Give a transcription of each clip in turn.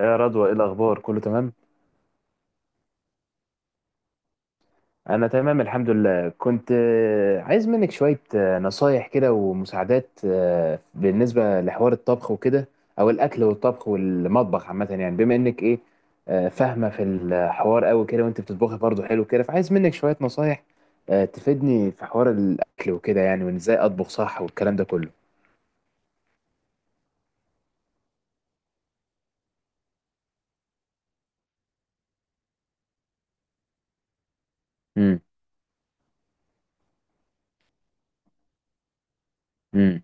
يا رضوى، ايه الاخبار؟ كله تمام؟ انا تمام الحمد لله. كنت عايز منك شوية نصايح كده ومساعدات بالنسبة لحوار الطبخ وكده، او الاكل والطبخ والمطبخ عامة، يعني بما انك ايه فاهمة في الحوار قوي كده، وانت بتطبخي برضه حلو كده، فعايز منك شوية نصايح تفيدني في حوار الاكل وكده، يعني وان ازاي اطبخ صح والكلام ده كله. امم. امم.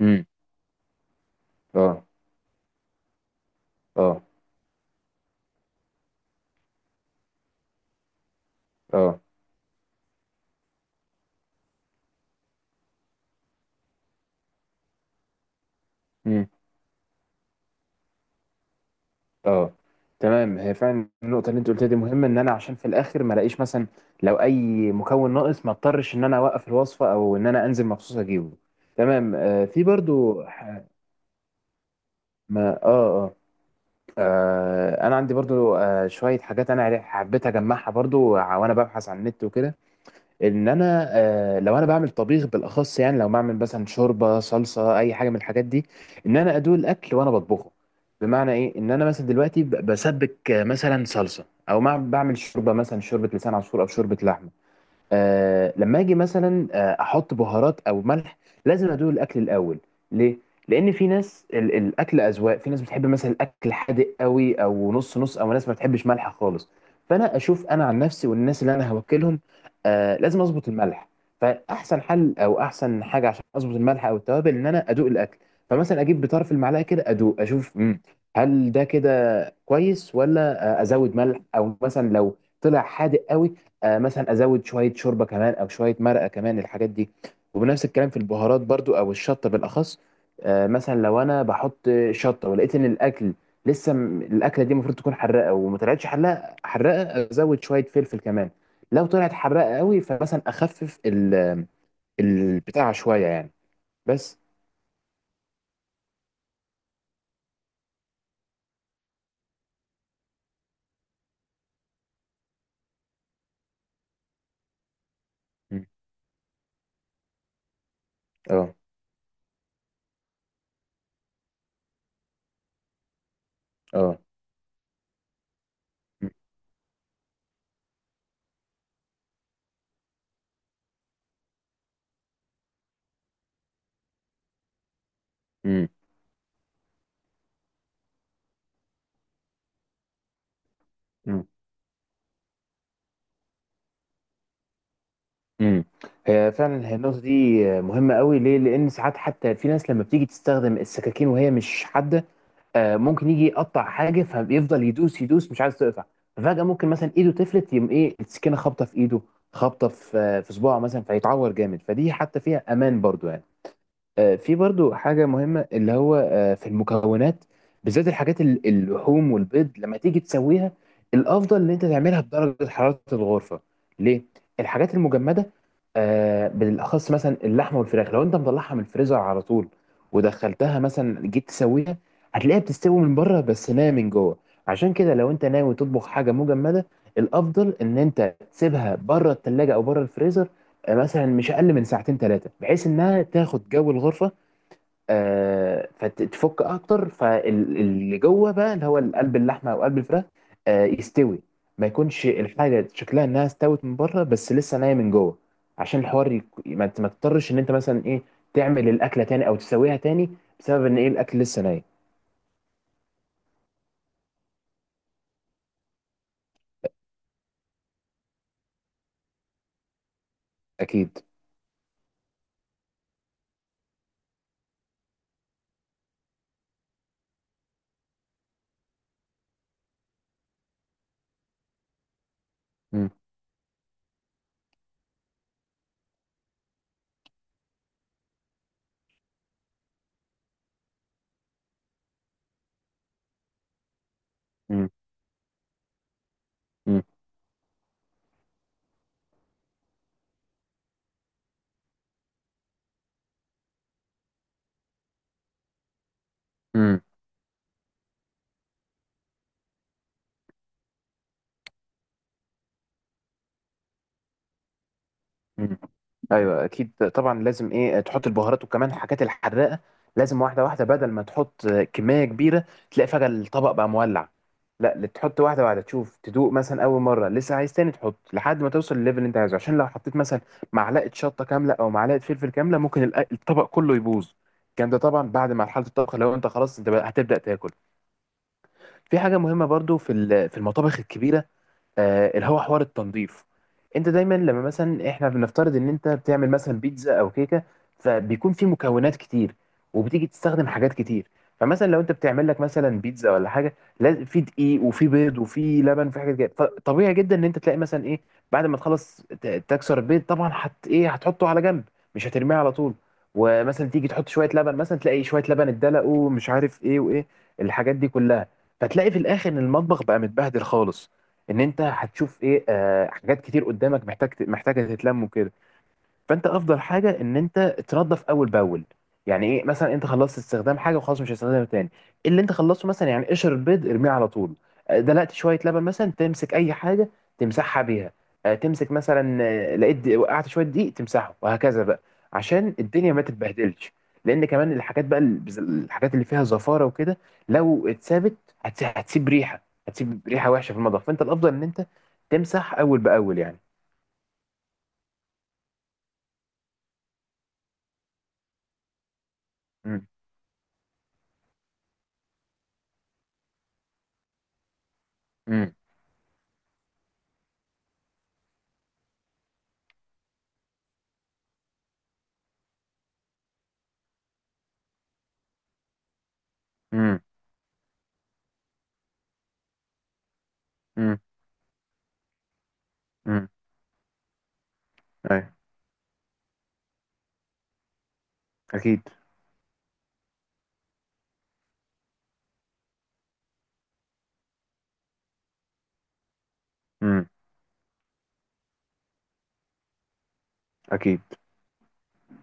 امم. اه. اه. اه. اه. تمام، هي فعلا النقطة اللي انت قلتها دي مهمة، ان انا عشان في الاخر ما الاقيش مثلا لو اي مكون ناقص، ما اضطرش ان انا اوقف الوصفة او ان انا انزل مخصوص اجيبه. تمام. في برضو ما. اه. اه. انا عندي برضو شوية حاجات، انا حبيت اجمعها برضو وانا ببحث عن النت وكده. ان انا لو انا بعمل طبيخ بالاخص، يعني لو بعمل مثلا شوربه، صلصه، اي حاجه من الحاجات دي، ان انا ادوق الاكل وانا بطبخه. بمعنى ايه؟ ان انا مثلا دلوقتي بسبك مثلا صلصه، او مع بعمل شوربه، مثلا شوربه لسان عصفور او شوربه لحمه، لما اجي مثلا احط بهارات او ملح، لازم ادوق الاكل الاول. ليه؟ لان في ناس الاكل اذواق. في ناس بتحب مثلا الاكل حادق قوي او نص نص، او ناس ما بتحبش ملح خالص. فانا اشوف انا عن نفسي والناس اللي انا هوكلهم، لازم اظبط الملح. فاحسن حل او احسن حاجه عشان اظبط الملح او التوابل، ان انا ادوق الاكل. فمثلا اجيب بطرف المعلقه كده ادوق اشوف، هل ده كده كويس، ولا ازود ملح؟ او مثلا لو طلع حادق قوي، مثلا ازود شويه شوربه كمان او شويه مرقه كمان، الحاجات دي. وبنفس الكلام في البهارات برضو، او الشطه بالاخص. مثلا لو انا بحط شطه ولقيت ان الاكل لسه الاكله دي المفروض تكون حراقه وما طلعتش حراقه حراقه، ازود شويه فلفل كمان. لو طلعت حراقه قوي، فمثلا اخفف البتاع شويه يعني. بس. م. اه. اه. م. م. امم. هي فعلا، هي النقطه دي مهمه قوي. ليه؟ لان ساعات حتى في ناس لما بتيجي تستخدم السكاكين وهي مش حاده، ممكن يجي يقطع حاجه فبيفضل يدوس يدوس، مش عايز تقطع. ففجاه ممكن مثلا ايده تفلت، يقوم ايه السكينه خابطه في ايده، خابطه في في صباعه مثلا، فيتعور جامد. فدي حتى فيها امان برضو يعني. في برضو حاجة مهمة، اللي هو في المكونات، بالذات الحاجات اللحوم والبيض لما تيجي تسويها، الأفضل إن أنت تعملها بدرجة حرارة الغرفة. ليه؟ الحاجات المجمدة بالأخص مثلا اللحمة والفراخ، لو أنت مطلعها من الفريزر على طول ودخلتها مثلا جيت تسويها، هتلاقيها بتستوي من بره بس ناية من جوه. عشان كده لو أنت ناوي تطبخ حاجة مجمدة، الأفضل إن أنت تسيبها بره التلاجة أو بره الفريزر، مثلا مش اقل من ساعتين ثلاثه، بحيث انها تاخد جو الغرفه فتتفك اكتر. فاللي جوه بقى اللي هو قلب اللحمه او قلب الفراخ يستوي، ما يكونش الحاجه شكلها انها استوت من بره بس لسه نايه من جوه، عشان الحوار ما تضطرش ان انت مثلا ايه تعمل الاكله تاني او تسويها تاني، بسبب ان ايه الاكل لسه ناي. اكيد. مم. مم. مم. مم. مم. ايوه اكيد طبعا، لازم ايه تحط البهارات وكمان الحاجات الحراقه، لازم واحده واحده، بدل ما تحط كميه كبيره تلاقي فجاه الطبق بقى مولع. لا، اللي تحط واحده واحده، تشوف، تدوق، مثلا اول مره لسه عايز تاني تحط لحد ما توصل للليفل اللي انت عايزه. عشان لو حطيت مثلا معلقه شطه كامله او معلقه فلفل كامله، ممكن الطبق كله يبوظ. الكلام ده طبعا بعد ما حاله الطبخ، لو انت خلاص انت بقى هتبدا تاكل. في حاجه مهمه برضو في في المطابخ الكبيره، اللي هو حوار التنظيف. انت دايما لما مثلا، احنا بنفترض ان انت بتعمل مثلا بيتزا او كيكه، فبيكون في مكونات كتير، وبتيجي تستخدم حاجات كتير. فمثلا لو انت بتعمل لك مثلا بيتزا ولا حاجه، لازم في دقيق وفي بيض وفي لبن وفي حاجات كده. فطبيعي جدا ان انت تلاقي مثلا ايه، بعد ما تخلص تكسر البيض، طبعا هت ايه هتحطه على جنب، مش هترميه على طول. ومثلا تيجي تحط شويه لبن، مثلا تلاقي شويه لبن اتدلق، ومش عارف ايه وايه، الحاجات دي كلها. فتلاقي في الاخر ان المطبخ بقى متبهدل خالص، ان انت هتشوف ايه حاجات كتير قدامك محتاج محتاجه تتلم وكده. فانت افضل حاجه ان انت تنظف اول باول. يعني ايه؟ مثلا انت خلصت استخدام حاجه وخلاص مش هتستخدمها تاني، اللي انت خلصته مثلا يعني قشر البيض ارميه على طول. دلقت شويه لبن مثلا، تمسك اي حاجه تمسحها بيها. تمسك مثلا لقيت وقعت شويه دقيق تمسحه، وهكذا بقى، عشان الدنيا ما تتبهدلش. لان كمان الحاجات بقى الحاجات اللي فيها زفاره وكده، لو اتسابت هتسيب ريحه، هتسيب ريحه وحشه في المطبخ. فانت الافضل ان انت تمسح اول باول يعني. امم. امم. امم. اي. اكيد. امم. اكيد.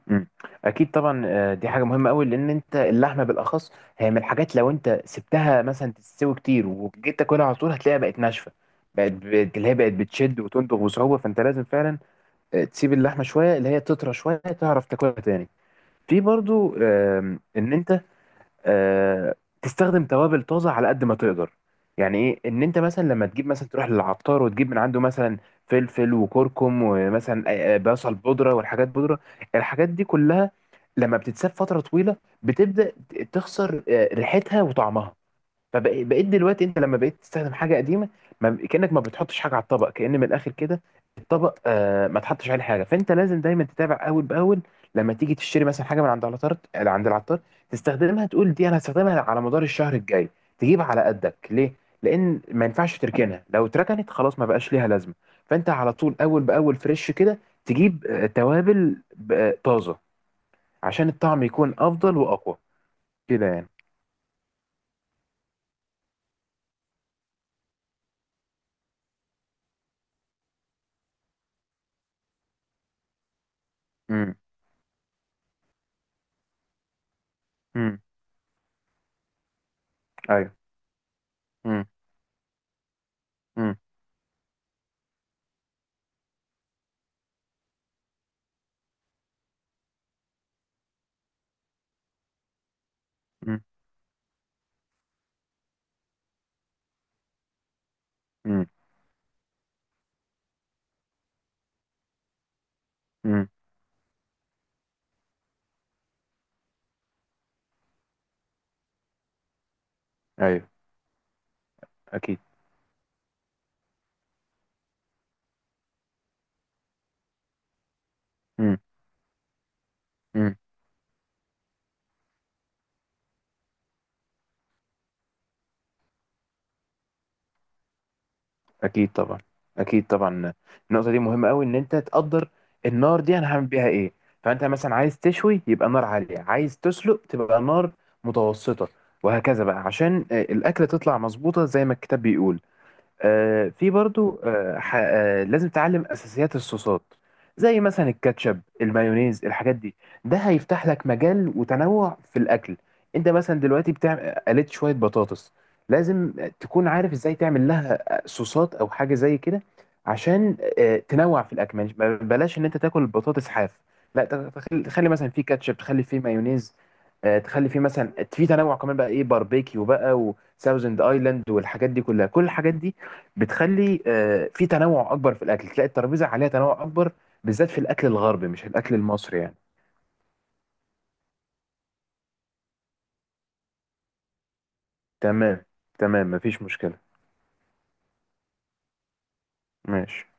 امم. اكيد طبعا، دي حاجه مهمه قوي. لان انت اللحمه بالاخص هي من الحاجات لو انت سبتها مثلا تستوي كتير وجيت تاكلها على طول، هتلاقيها بقت ناشفه، اللي هي بقت بتشد وتندغ بصعوبه. فانت لازم فعلا تسيب اللحمه شويه، اللي هي تطرى شويه، تعرف تاكلها تاني. في برضو ان انت آه، تستخدم توابل طازه على قد ما تقدر. يعني ايه؟ ان انت مثلا لما تجيب، مثلا تروح للعطار وتجيب من عنده مثلا فلفل وكركم ومثلا بصل بودره والحاجات بودره، الحاجات دي كلها لما بتتساب فتره طويله بتبدا تخسر ريحتها وطعمها. فبقيت دلوقتي انت لما بقيت تستخدم حاجه قديمه، ما كانك ما بتحطش حاجه على الطبق، كأن من الاخر كده الطبق ما تحطش عليه حاجه. فانت لازم دايما تتابع اول باول، لما تيجي تشتري مثلا حاجه من عند العطار عند العطار تستخدمها، تقول دي انا هستخدمها على مدار الشهر الجاي، تجيب على قدك. ليه؟ لان ما ينفعش تركنها، لو اتركنت خلاص ما بقاش ليها لازمه. فانت على طول اول باول فريش كده، تجيب توابل طازه، عشان الطعم يكون افضل واقوى كده يعني. امم. امم. ايوه. امم. امم. امم. امم. ايوه اكيد. امم. امم. اكيد طبعا. اكيد طبعا. النقطه دي مهمه قوي، ان انت تقدر النار دي انا هعمل بيها ايه. فانت مثلا عايز تشوي يبقى نار عاليه، عايز تسلق تبقى نار متوسطه، وهكذا بقى، عشان الاكله تطلع مظبوطه زي ما الكتاب بيقول. في برضو لازم تتعلم اساسيات الصوصات، زي مثلا الكاتشب، المايونيز، الحاجات دي. ده هيفتح لك مجال وتنوع في الاكل. انت مثلا دلوقتي بتعمل قلت شويه بطاطس، لازم تكون عارف ازاي تعمل لها صوصات او حاجه زي كده، عشان تنوع في الاكل. بلاش ان انت تاكل البطاطس حاف. لا، تخلي مثلا فيه كاتشب، تخلي فيه مايونيز، تخلي فيه مثلا في تنوع كمان، بقى ايه باربيكيو بقى وساوزند ايلاند والحاجات دي كلها. كل الحاجات دي بتخلي في تنوع اكبر في الاكل، تلاقي الترابيزه عليها تنوع اكبر، بالذات في الاكل الغربي مش الاكل المصري يعني. تمام. تمام مفيش مشكله. ماشي.